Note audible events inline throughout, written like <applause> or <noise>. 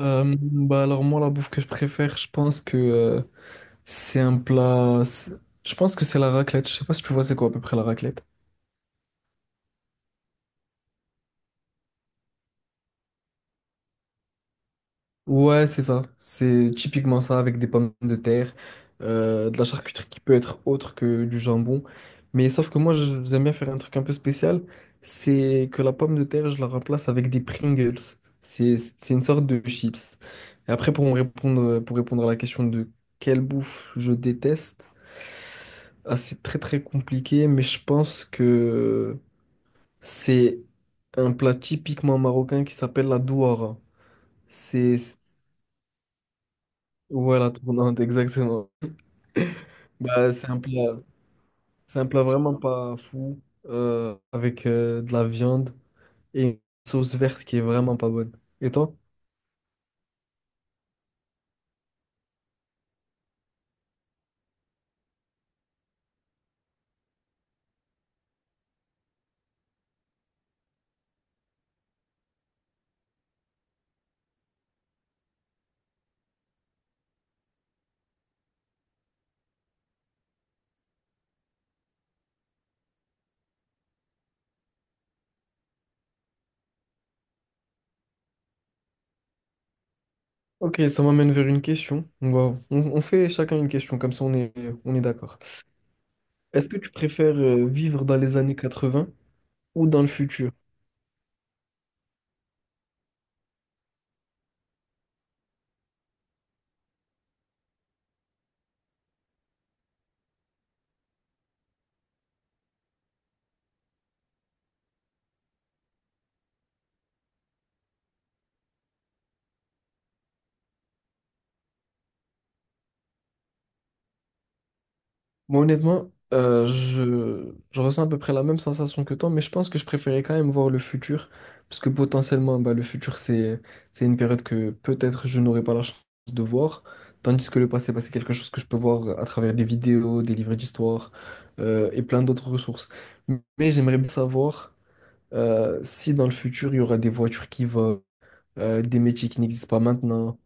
Bah alors moi la bouffe que je préfère, je pense que c'est un plat. Je pense que c'est la raclette. Je sais pas si tu vois c'est quoi à peu près la raclette. Ouais, c'est ça. C'est typiquement ça avec des pommes de terre, de la charcuterie qui peut être autre que du jambon. Mais sauf que moi, j'aime bien faire un truc un peu spécial. C'est que la pomme de terre, je la remplace avec des Pringles. C'est une sorte de chips. Et après, pour répondre à la question de quelle bouffe je déteste, ah, c'est très très compliqué, mais je pense que c'est un plat typiquement marocain qui s'appelle la douara. Voilà, tournante, exactement. Bah, c'est un plat vraiment pas fou, avec de la viande et une sauce verte qui est vraiment pas bonne. Et toi? Ok, ça m'amène vers une question. On fait chacun une question, comme ça on est d'accord. Est-ce que tu préfères vivre dans les années 80 ou dans le futur? Moi, honnêtement, je ressens à peu près la même sensation que toi, mais je pense que je préférais quand même voir le futur, parce que potentiellement, bah, c'est une période que peut-être je n'aurai pas la chance de voir, tandis que le passé, bah, c'est quelque chose que je peux voir à travers des vidéos, des livres d'histoire, et plein d'autres ressources. Mais j'aimerais bien savoir si dans le futur, il y aura des voitures qui volent, des métiers qui n'existent pas maintenant.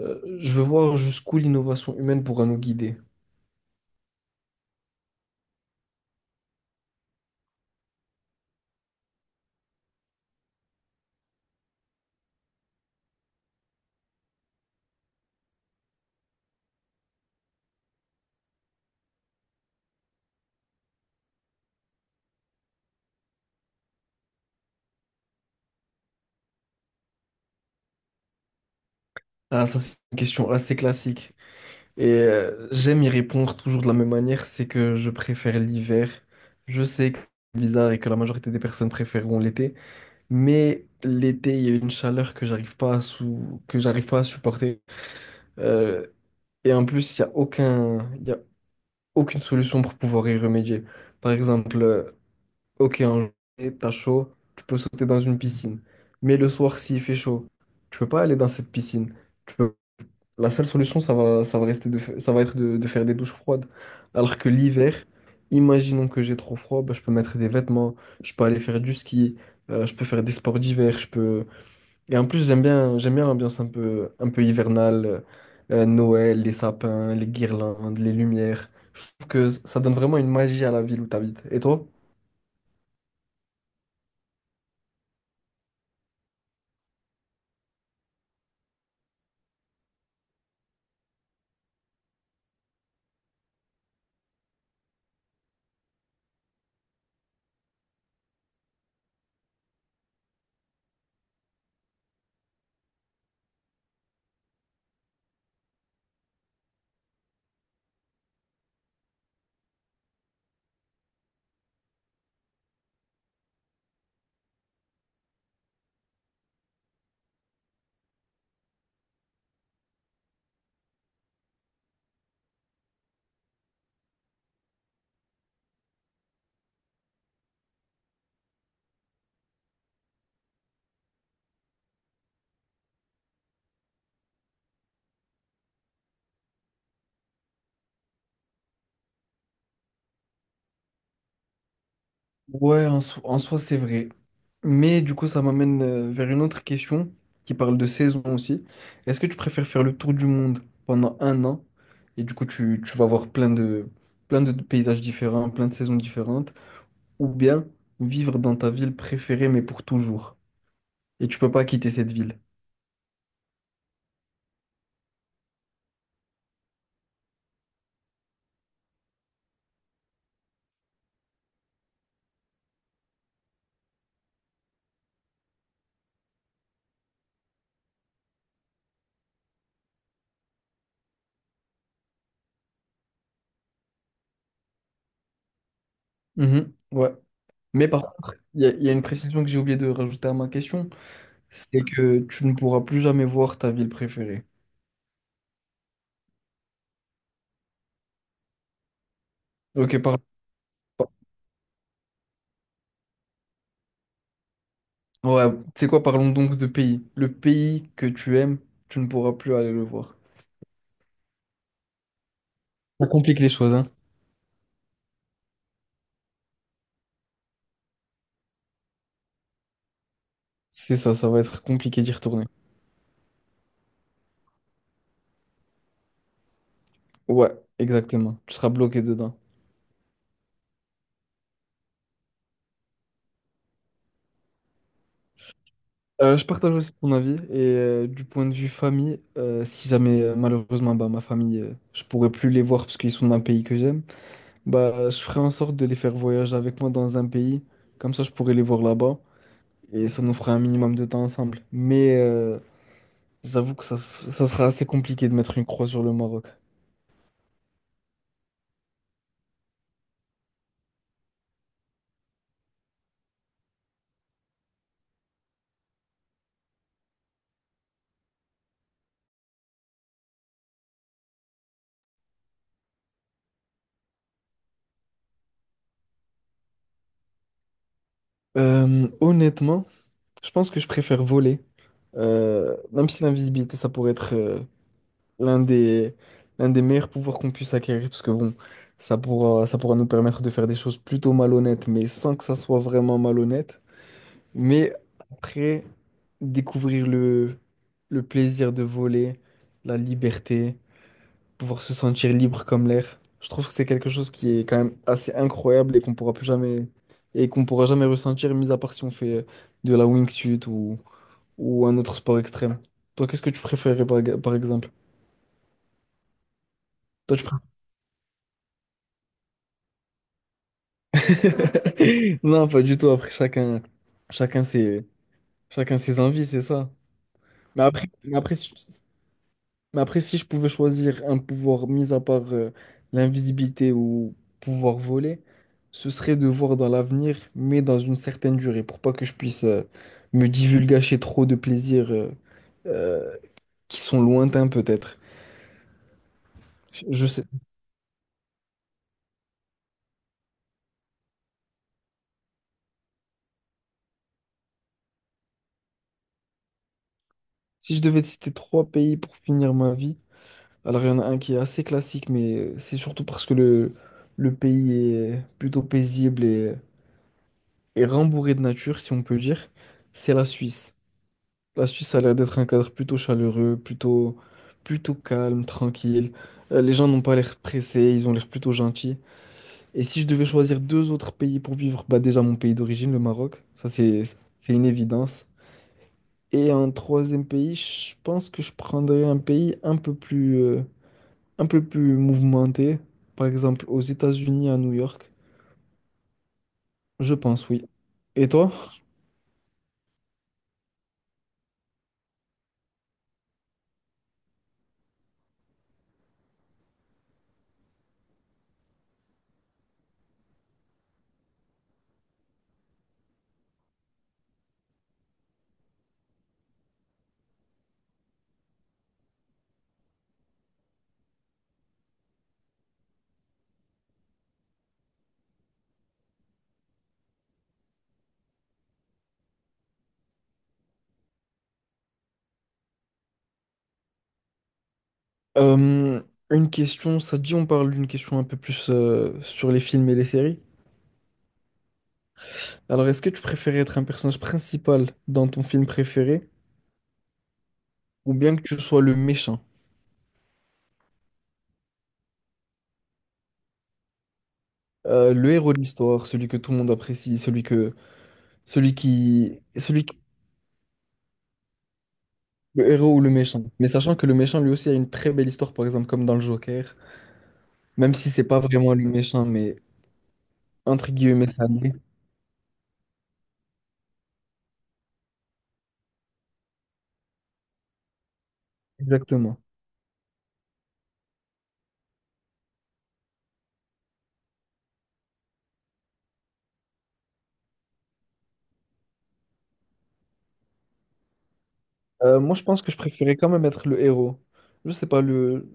Je veux voir jusqu'où l'innovation humaine pourra nous guider. Ah, ça, c'est une question assez classique. Et j'aime y répondre toujours de la même manière, c'est que je préfère l'hiver. Je sais que c'est bizarre et que la majorité des personnes préféreront l'été, mais l'été, il y a une chaleur que j'arrive pas à sou- que j'arrive pas à supporter. Euh, et en plus, il y a aucun, il y a aucune solution pour pouvoir y remédier. Par exemple, ok, en janvier, t'as chaud, tu peux sauter dans une piscine. Mais le soir, s'il fait chaud, tu peux pas aller dans cette piscine. La seule solution, ça va être de faire des douches froides. Alors que l'hiver, imaginons que j'ai trop froid, bah, je peux mettre des vêtements, je peux aller faire du ski, je peux faire des sports d'hiver, je peux. Et en plus, j'aime bien l'ambiance un peu hivernale, Noël, les sapins, les guirlandes, les lumières. Je trouve que ça donne vraiment une magie à la ville où tu habites. Et toi? En soi, c'est vrai. Mais du coup, ça m'amène vers une autre question qui parle de saison aussi. Est-ce que tu préfères faire le tour du monde pendant un an et du coup, tu vas voir plein de paysages différents, plein de saisons différentes, ou bien vivre dans ta ville préférée mais pour toujours et tu peux pas quitter cette ville? Mhm, ouais. Mais par contre, il y a une précision que j'ai oublié de rajouter à ma question, c'est que tu ne pourras plus jamais voir ta ville préférée. Ok, pardon. Ouais, tu sais quoi, parlons donc de pays. Le pays que tu aimes, tu ne pourras plus aller le voir. Ça complique les choses, hein. C'est ça, ça va être compliqué d'y retourner. Ouais, exactement. Tu seras bloqué dedans. Je partage aussi ton avis et du point de vue famille, si jamais malheureusement bah, je pourrais plus les voir parce qu'ils sont d'un pays que j'aime, bah je ferai en sorte de les faire voyager avec moi dans un pays, comme ça je pourrais les voir là-bas et ça nous fera un minimum de temps ensemble. Mais j'avoue que ça sera assez compliqué de mettre une croix sur le Maroc. Honnêtement, je pense que je préfère voler. Même si l'invisibilité, ça pourrait être l'un des, l'un des meilleurs pouvoirs qu'on puisse acquérir, parce que bon, ça pourra nous permettre de faire des choses plutôt malhonnêtes, mais sans que ça soit vraiment malhonnête. Mais après, découvrir le plaisir de voler, la liberté pouvoir se sentir libre comme l'air. Je trouve que c'est quelque chose qui est quand même assez incroyable et qu'on pourra jamais ressentir, mis à part si on fait de la wingsuit ou un autre sport extrême. Toi, qu'est-ce que tu préférais par exemple? Toi, tu préfères... <laughs> Non, pas du tout. Après, chacun ses, chacun ses envies, c'est ça. Mais après, si si je pouvais choisir un pouvoir, mis à part l'invisibilité ou pouvoir voler, ce serait de voir dans l'avenir, mais dans une certaine durée, pour pas que je puisse me divulgacher trop de plaisirs euh, qui sont lointains peut-être. Je je sais, si je devais te citer trois pays pour finir ma vie, alors il y en a un qui est assez classique, mais c'est surtout parce que le pays est plutôt paisible et rembourré de nature, si on peut dire, c'est la Suisse. La Suisse a l'air d'être un cadre plutôt chaleureux, plutôt calme, tranquille. Les gens n'ont pas l'air pressés, ils ont l'air plutôt gentils. Et si je devais choisir deux autres pays pour vivre, bah déjà mon pays d'origine, le Maroc, c'est une évidence. Et un troisième pays, je pense que je prendrais un pays un peu plus, un peu plus mouvementé, par exemple aux États-Unis, à New York. Je pense, oui. Et toi? Euh, une question, ça te dit on parle d'une question un peu plus sur les films et les séries? Alors, est-ce que tu préférais être un personnage principal dans ton film préféré ou bien que tu sois le méchant, le héros de l'histoire, celui que tout le monde apprécie, celui qui- le héros ou le méchant. Mais sachant que le méchant lui aussi a une très belle histoire, par exemple comme dans le Joker, même si c'est pas vraiment le méchant, mais entre guillemets ça l'est. Exactement. Moi, je pense que je préférais quand même être le héros. Je sais pas le.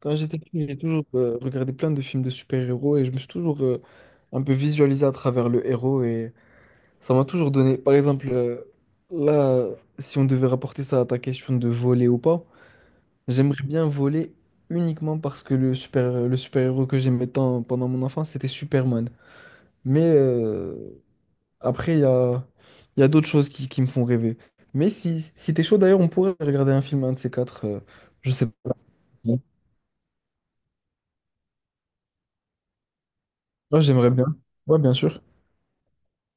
Quand j'étais petit, j'ai toujours regardé plein de films de super-héros et je me suis toujours un peu visualisé à travers le héros et ça m'a toujours donné. Par exemple, là, si on devait rapporter ça à ta question de voler ou pas, j'aimerais bien voler uniquement parce que le super-héros que j'aimais tant pendant mon enfance, c'était Superman. Mais après, il y a d'autres choses qui me font rêver. Mais si t'es chaud, d'ailleurs, on pourrait regarder un film, un de ces quatre. Je sais pas. Ouais, j'aimerais bien. Ouais, bien sûr.